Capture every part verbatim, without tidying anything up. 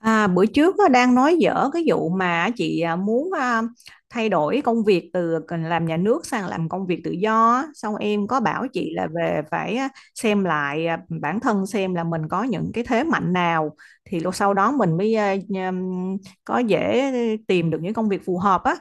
À, bữa trước á, đang nói dở cái vụ mà chị à, muốn à, thay đổi công việc từ làm nhà nước sang làm công việc tự do á. Xong em có bảo chị là về phải à, xem lại à, bản thân xem là mình có những cái thế mạnh nào thì lúc sau đó mình mới à, nhờ- có dễ tìm được những công việc phù hợp á.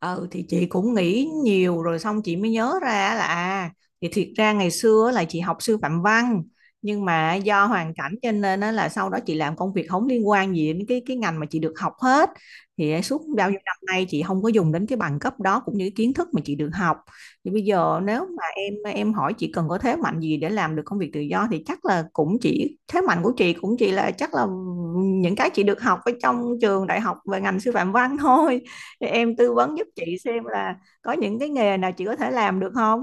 Ừ thì chị cũng nghĩ nhiều rồi xong chị mới nhớ ra là à, thì thiệt ra ngày xưa là chị học sư phạm văn, nhưng mà do hoàn cảnh cho nên á là sau đó chị làm công việc không liên quan gì đến cái cái ngành mà chị được học hết. Thì suốt bao nhiêu năm nay chị không có dùng đến cái bằng cấp đó cũng như cái kiến thức mà chị được học. Thì bây giờ nếu mà em em hỏi chị cần có thế mạnh gì để làm được công việc tự do thì chắc là cũng chỉ thế mạnh của chị cũng chỉ là chắc là những cái chị được học ở trong trường đại học về ngành sư phạm văn thôi. Thì em tư vấn giúp chị xem là có những cái nghề nào chị có thể làm được không.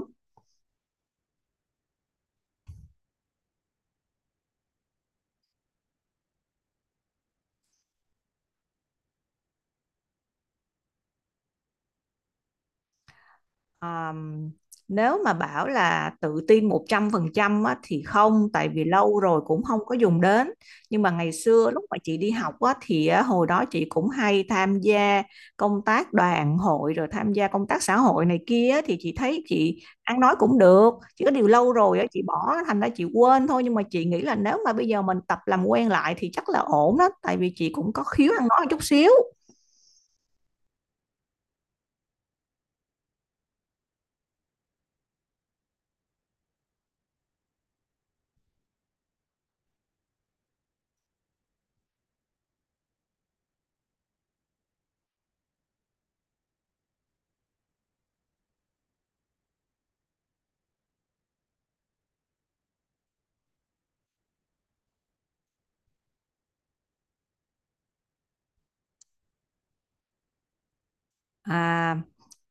Ờm, Nếu mà bảo là tự tin một trăm phần trăm á, thì không, tại vì lâu rồi cũng không có dùng đến. Nhưng mà ngày xưa lúc mà chị đi học á, thì á, hồi đó chị cũng hay tham gia công tác đoàn hội rồi tham gia công tác xã hội này kia á, thì chị thấy chị ăn nói cũng được, chỉ có điều lâu rồi á, chị bỏ thành ra chị quên thôi, nhưng mà chị nghĩ là nếu mà bây giờ mình tập làm quen lại thì chắc là ổn đó, tại vì chị cũng có khiếu ăn nói một chút xíu. À,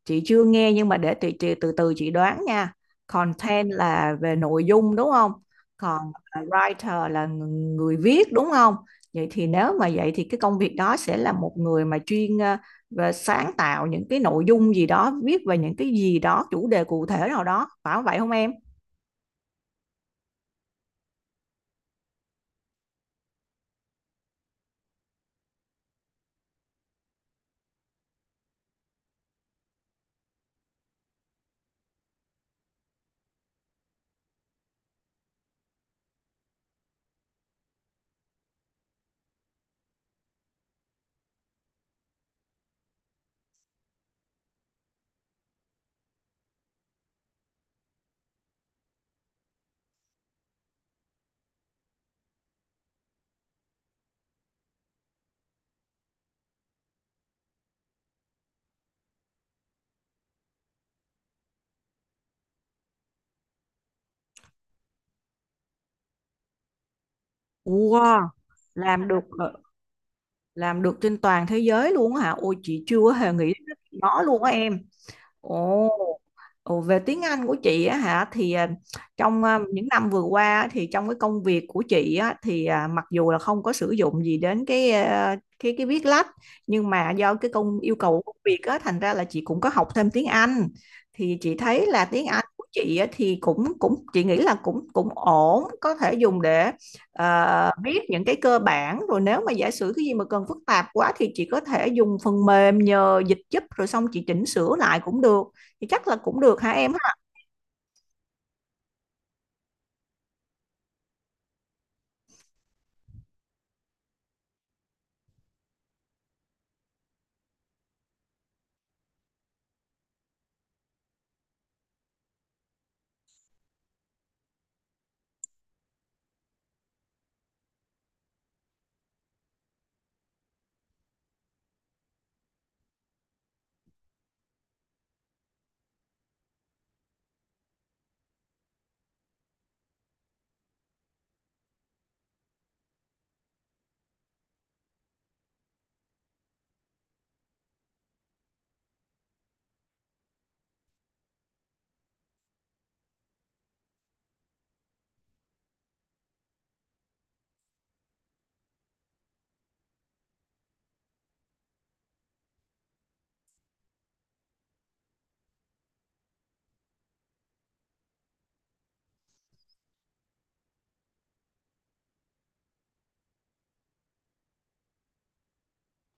chị chưa nghe nhưng mà để chị, chị từ từ chị đoán nha. Content là về nội dung đúng không? Còn à, writer là ng- người viết đúng không? Vậy thì nếu mà vậy thì cái công việc đó sẽ là một người mà chuyên à, về sáng tạo những cái nội dung gì đó, viết về những cái gì đó, chủ đề cụ thể nào đó, phải không vậy không em? Wow, làm được ờ, làm được trên toàn thế giới luôn á hả? Ôi chị chưa hề nghĩ đến nó luôn á em. Ồ, ồ, về tiếng Anh của chị á hả thì à, trong à, những năm vừa qua á, thì trong cái công việc của chị á thì à, mặc dù là không có sử dụng gì đến cái à, cái cái viết lách, nhưng mà do cái công yêu cầu của công việc á thành ra là chị cũng có học thêm tiếng Anh. Thì chị thấy là tiếng Anh của chị á, thì cũng cũng chị nghĩ là cũng cũng ổn, có thể dùng để à, biết những cái cơ bản rồi, nếu mà giả sử cái gì mà cần phức tạp quá thì chị có thể dùng phần mềm nhờ dịch giúp rồi xong chị chỉnh sửa lại cũng được. Thì chắc là cũng được hả em ha.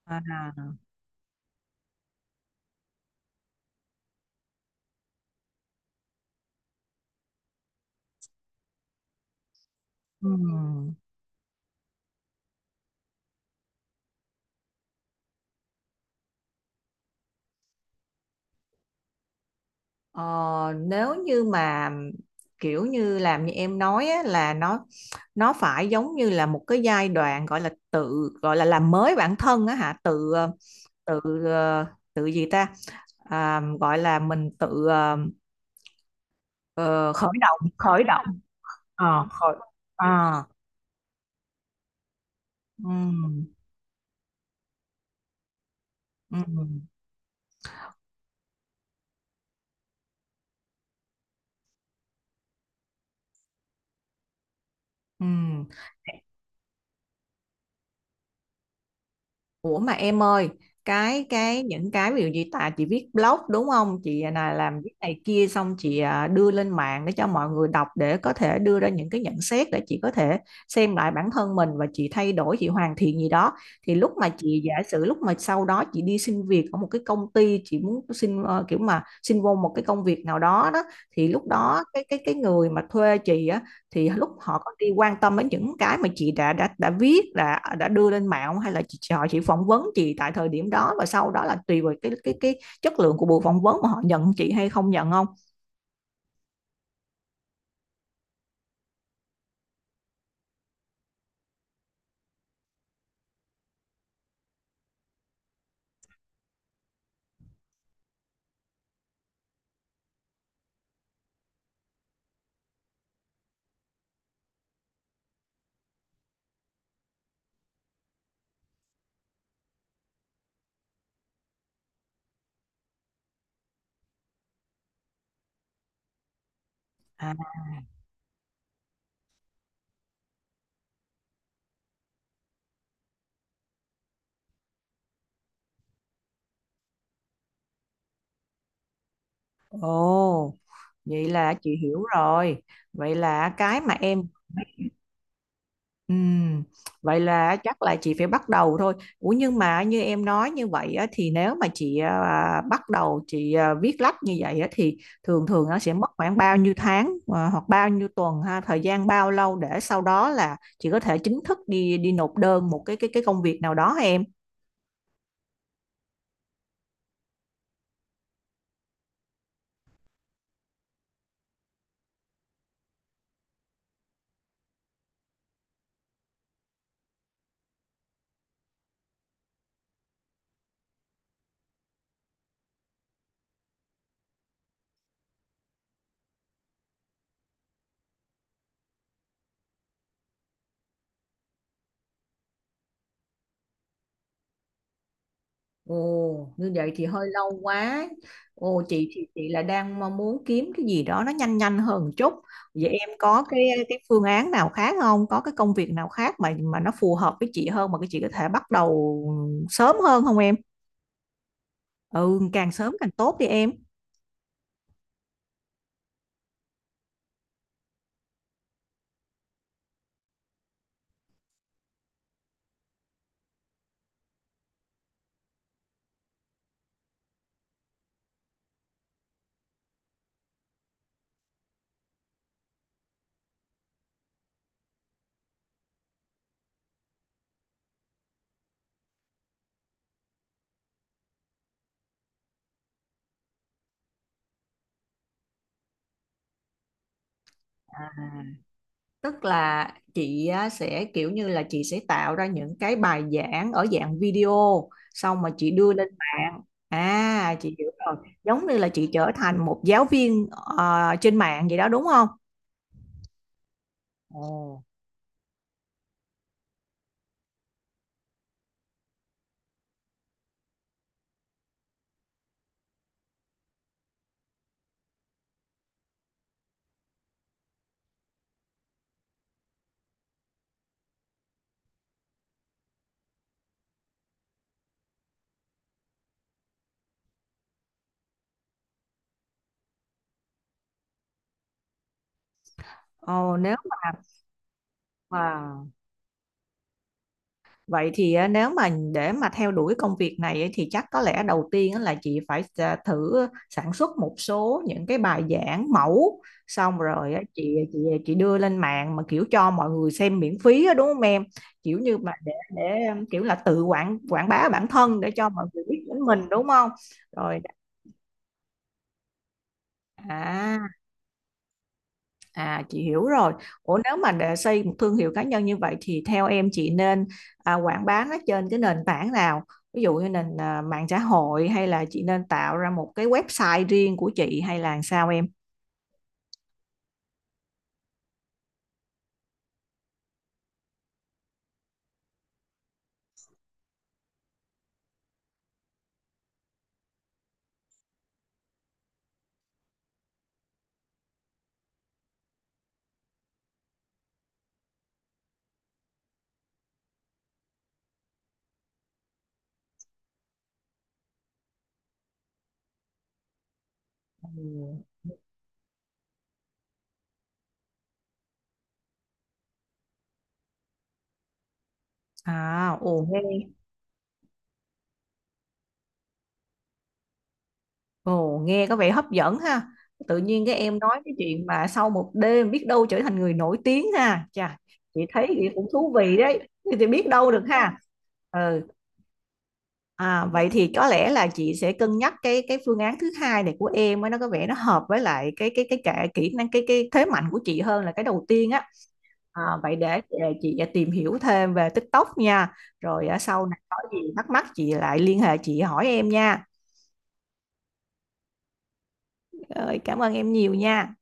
À, ừm. Ờ, nếu như mà kiểu như làm như em nói á, là nó nó phải giống như là một cái giai đoạn gọi là tự gọi là làm mới bản thân á hả, tự ờ, tự ờ, tự gì ta, à, gọi là mình tự ờ, ờ, khởi động khởi động Ờ, khởi, à, Ừ, ừ, ừ. Ủa mà em ơi, cái cái những cái ví dụ như tại chị viết blog đúng không? Chị là làm viết này kia xong chị à, đưa lên mạng để cho mọi người đọc để có thể đưa ra những cái nhận xét để chị có thể xem lại bản thân mình và chị thay đổi, chị hoàn thiện gì đó. Thì lúc mà chị giả sử lúc mà sau đó chị đi xin việc ở một cái công ty, chị muốn xin ờ, kiểu mà xin vô một cái công việc nào đó đó, thì lúc đó cái cái cái người mà thuê chị á, thì lúc họ có đi quan tâm đến những cái mà chị đã đã đã viết, đã đã đưa lên mạng không? Hay là chị họ chỉ phỏng vấn chị tại thời điểm đó và sau đó là tùy vào cái cái cái chất lượng của buổi phỏng vấn mà họ nhận chị hay không nhận không. À, ồ, vậy là chị hiểu rồi. Vậy là cái mà em... Ừm, vậy là chắc là chị phải bắt đầu thôi. Ủa nhưng mà như em nói như vậy á, thì nếu mà chị à, bắt đầu chị à, viết lách như vậy á, thì thường thường nó sẽ mất khoảng bao nhiêu tháng à, hoặc bao nhiêu tuần ha, thời gian bao lâu để sau đó là chị có thể chính thức đi đi nộp đơn một cái cái cái công việc nào đó hả em? Ồ, như vậy thì hơi lâu quá. Ồ, chị thì chị là đang mong muốn kiếm cái gì đó nó nhanh nhanh hơn một chút. Vậy em có cái cái phương án nào khác không? Có cái công việc nào khác mà mà nó phù hợp với chị hơn mà cái chị có thể bắt đầu sớm hơn không em? Ừ, càng sớm càng tốt đi em. À, tức là chị á, sẽ kiểu như là chị sẽ tạo ra những cái bài giảng ở dạng video xong mà chị đưa lên mạng. À chị hiểu rồi, giống như là chị trở thành một giáo viên ờ, trên mạng vậy đó đúng không. Ồ nếu mà, wow. Vậy thì á, nếu mà để mà theo đuổi công việc này ấy, thì chắc có lẽ đầu tiên á là chị phải à, thử sản xuất một số những cái bài giảng mẫu, xong rồi á, chị chị chị đưa lên mạng mà kiểu cho mọi người xem miễn phí á, đúng không em? Kiểu như mà để để um, kiểu là tự quảng quảng bá bản thân để cho mọi người biết đến mình đúng không? Rồi à À chị hiểu rồi. Ủa nếu mà để xây một thương hiệu cá nhân như vậy thì theo em chị nên à, quảng bá nó trên cái nền tảng nào? Ví dụ như nền à, mạng xã hội, hay là chị nên tạo ra một cái website riêng của chị, hay là làm sao em? Ừ. À, ồ nghe, ồ nghe có vẻ hấp dẫn ha. Tự nhiên cái em nói cái chuyện mà sau một đêm biết đâu trở thành người nổi tiếng ha. Chà, chị thấy thì cũng thú vị đấy. Thì biết đâu được ha. Ừ. À, vậy thì có lẽ là chị sẽ cân nhắc cái cái phương án thứ hai này của em ấy, nó có vẻ nó hợp với lại cái cái cái cả kỹ năng cái cái thế mạnh của chị hơn là cái đầu tiên á. À, vậy để để chị tìm hiểu thêm về TikTok nha. Rồi à, sau này có gì thắc mắc chị lại liên hệ chị hỏi em nha. Rồi, cảm ơn em nhiều nha.